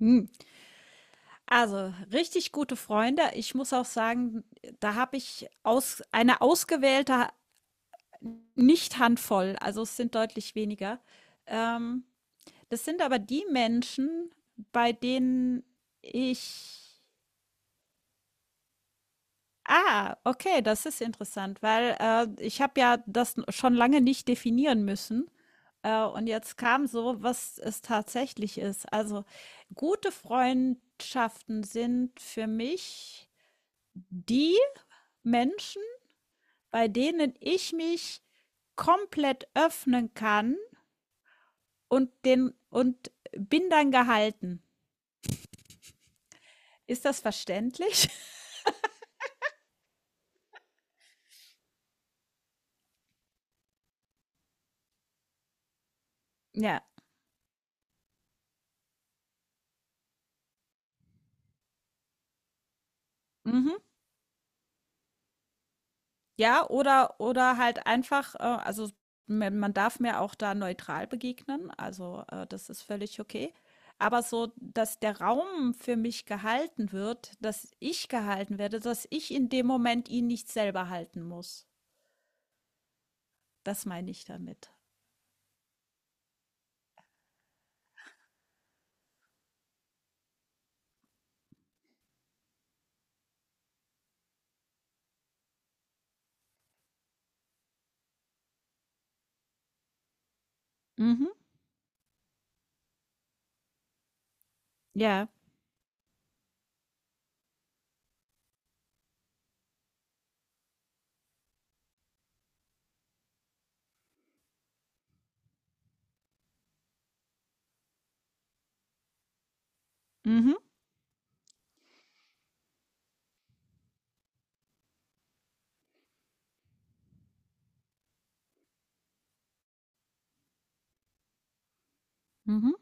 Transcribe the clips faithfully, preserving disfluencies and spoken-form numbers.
Hm, also, richtig gute Freunde. Ich muss auch sagen, da habe ich aus eine ausgewählte nicht Handvoll, also es sind deutlich weniger. Ähm, Das sind aber die Menschen, bei denen ich ah, okay, das ist interessant, weil äh, ich habe ja das schon lange nicht definieren müssen. Äh, und jetzt kam so, was es tatsächlich ist. Also, gute Freundschaften sind für mich die Menschen, bei denen ich mich komplett öffnen kann und den und bin dann gehalten. Ist das verständlich? Ja. Mhm. Ja, oder oder halt einfach, äh, also man darf mir auch da neutral begegnen, also äh, das ist völlig okay. Aber so, dass der Raum für mich gehalten wird, dass ich gehalten werde, dass ich in dem Moment ihn nicht selber halten muss. Das meine ich damit. Mhm. Ja. Mhm. Mhm.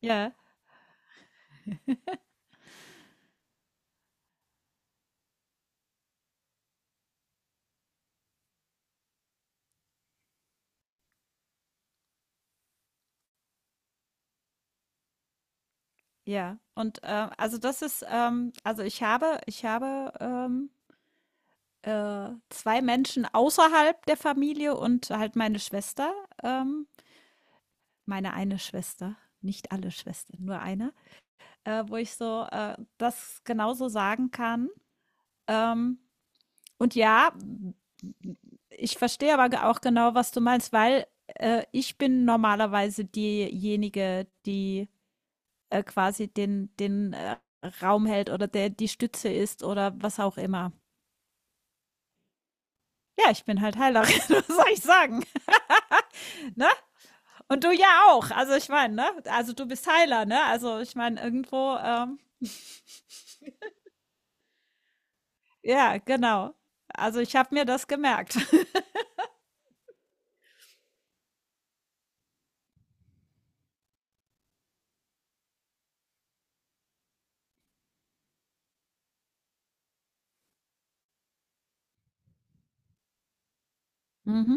Ja, ja. Und, äh, also, das ist, ähm also, ich habe ich habe, ähm, äh, zwei Menschen außerhalb der Familie und halt meine Schwester, ähm meine eine Schwester, nicht alle Schwestern, nur eine, äh, wo ich so, äh, das genauso sagen kann. Ähm, und ja, ich verstehe aber ge auch genau, was du meinst, weil, äh, ich bin normalerweise diejenige, die äh, quasi den, den äh, Raum hält oder der die Stütze ist oder was auch immer. Ja, ich bin halt Heilerin, was soll ich sagen? Ne? Und du ja auch. Also ich meine, ne? Also du bist Heiler, ne? Also ich meine, irgendwo, ähm, ja, genau. Also ich habe mir das gemerkt. Mhm.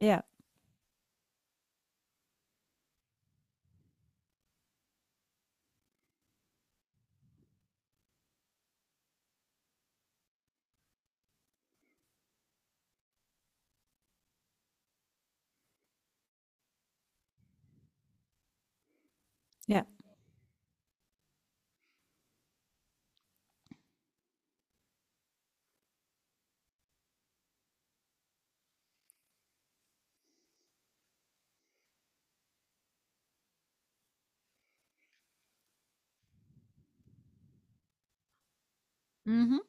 Ja, ja. Mhm.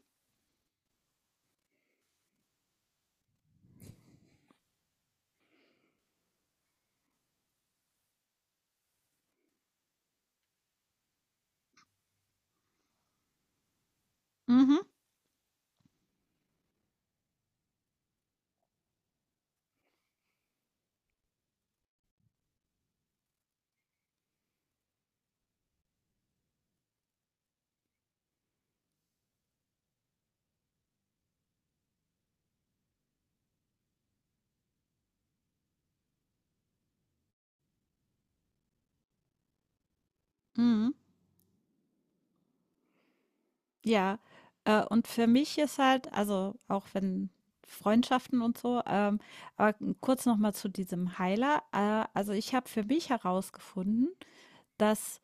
Mhm. Mhm. Ja, äh, und für mich ist halt, also auch wenn Freundschaften und so, ähm aber n- kurz noch mal zu diesem Heiler. Äh, also ich habe für mich herausgefunden, dass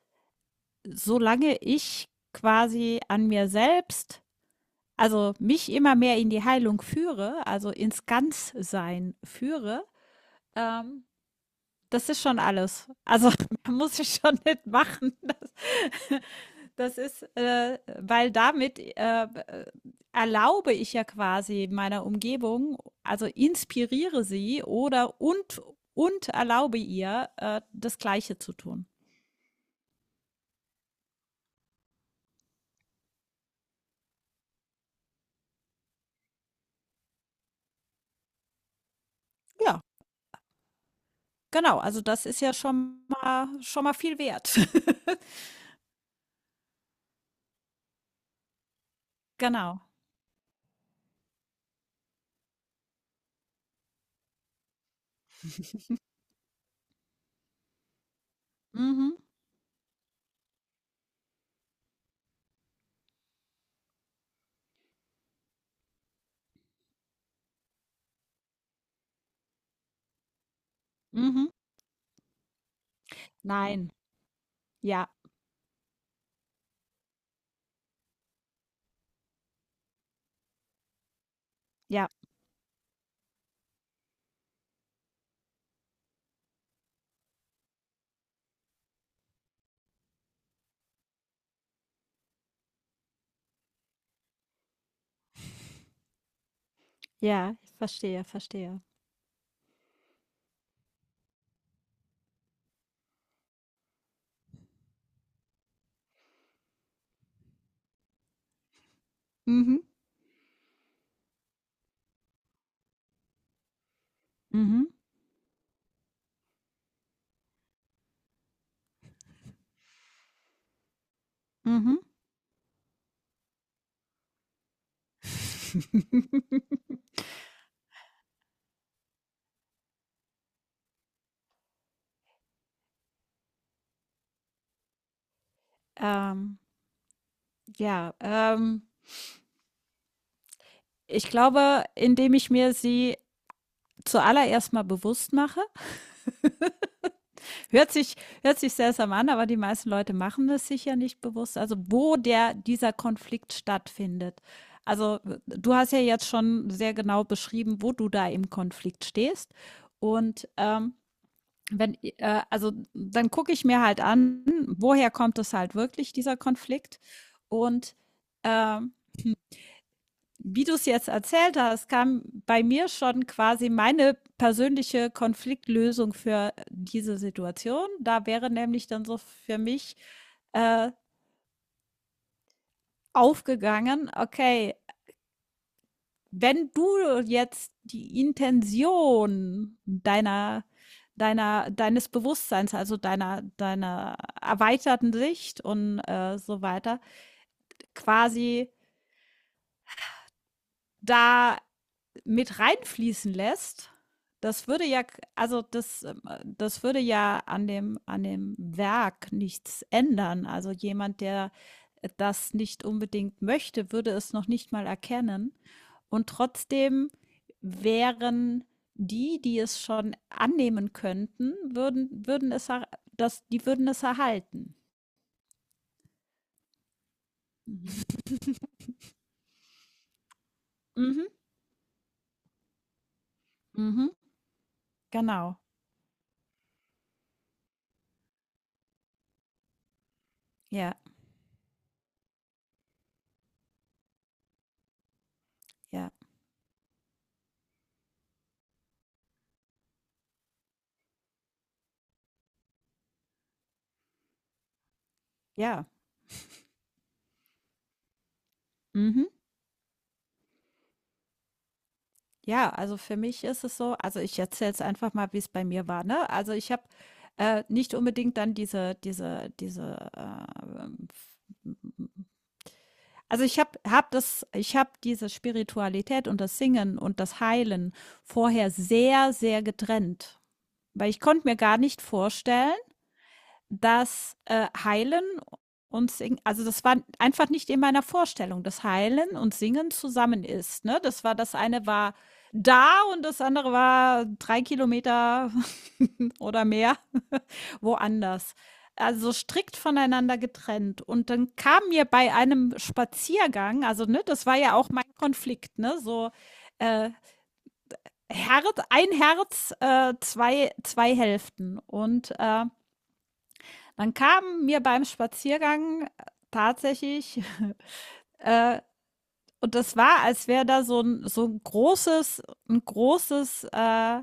solange ich quasi an mir selbst, also mich immer mehr in die Heilung führe, also ins Ganzsein führe, ähm, das ist schon alles. Also muss ich schon nicht machen. Das, das ist, äh, weil damit äh, erlaube ich ja quasi meiner Umgebung, also inspiriere sie oder und, und erlaube ihr, äh, das Gleiche zu tun. Ja, genau. Also das ist ja schon mal, schon mal viel wert. Genau. Mhm. Mhm. Nein. Ja, ja, ja, ich verstehe, verstehe. Mhm. Mhm. Mhm. Ähm, ja, ähm, ich glaube, indem ich mir sie zuallererst mal bewusst mache. Hört sich, hört sich seltsam an, aber die meisten Leute machen es sich ja nicht bewusst. Also, wo der, dieser Konflikt stattfindet. Also, du hast ja jetzt schon sehr genau beschrieben, wo du da im Konflikt stehst. Und ähm, wenn, äh, also dann gucke ich mir halt an, woher kommt es halt wirklich, dieser Konflikt. Und ähm, wie du es jetzt erzählt hast, kam bei mir schon quasi meine persönliche Konfliktlösung für diese Situation. Da wäre nämlich dann so für mich äh, aufgegangen, okay, wenn du jetzt die Intention deiner, deiner, deines Bewusstseins, also deiner, deiner erweiterten Sicht und äh, so weiter, quasi da mit reinfließen lässt, das würde ja, also das, ähm, äh, das würde ja an dem, an dem Werk nichts ändern. Also jemand, der äh, das nicht unbedingt möchte, würde es noch nicht mal erkennen. Und trotzdem wären die, die es schon annehmen könnten, würden, würden es, das, die würden es erhalten. Mhm. Mhm. Mhm. Genau. Ja, ja, ja. Mhm. Ja, also für mich ist es so, also ich erzähle jetzt einfach mal, wie es bei mir war, ne? Also, ich habe, äh, nicht unbedingt dann diese diese diese, ähm, also ich habe habe das ich habe diese Spiritualität und das Singen und das Heilen vorher sehr, sehr getrennt, weil ich konnte mir gar nicht vorstellen, das, äh, Heilen und Singen, also das war einfach nicht in meiner Vorstellung, dass Heilen und Singen zusammen ist, ne? Das war das eine war da und das andere war drei Kilometer oder mehr woanders. Also strikt voneinander getrennt. Und dann kam mir bei einem Spaziergang, also, ne, das war ja auch mein Konflikt, ne, so, äh, Herz, ein Herz, äh, zwei zwei Hälften und, äh dann kam mir beim Spaziergang äh, tatsächlich äh, und das war, als wäre da so ein, so ein großes, ein großes äh,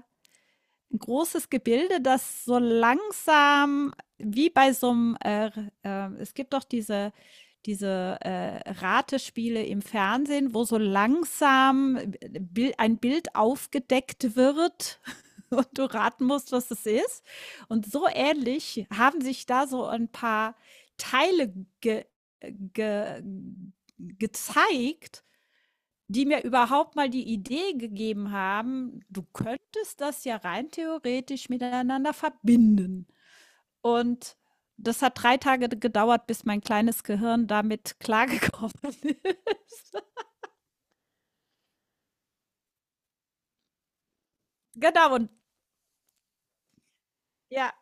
'n großes Gebilde, das so langsam, wie bei so einem, äh, äh, es gibt doch diese diese äh, Ratespiele im Fernsehen, wo so langsam Bil- ein Bild aufgedeckt wird und du raten musst, was es ist. Und so ähnlich haben sich da so ein paar Teile ge ge gezeigt, die mir überhaupt mal die Idee gegeben haben, du könntest das ja rein theoretisch miteinander verbinden. Und das hat drei Tage gedauert, bis mein kleines Gehirn damit klargekommen ist. Genau und ja,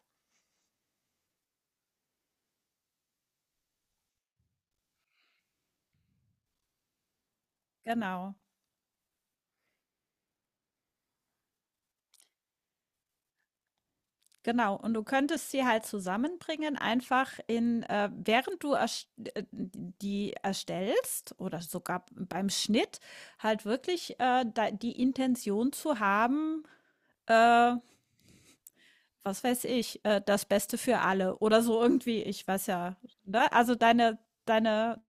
genau, genau. Und du könntest sie halt zusammenbringen, einfach in äh, während du erst äh, die erstellst oder sogar beim Schnitt halt wirklich, äh, da die Intention zu haben, äh, was weiß ich, äh, das Beste für alle oder so irgendwie, ich weiß ja, ne? Also deine deine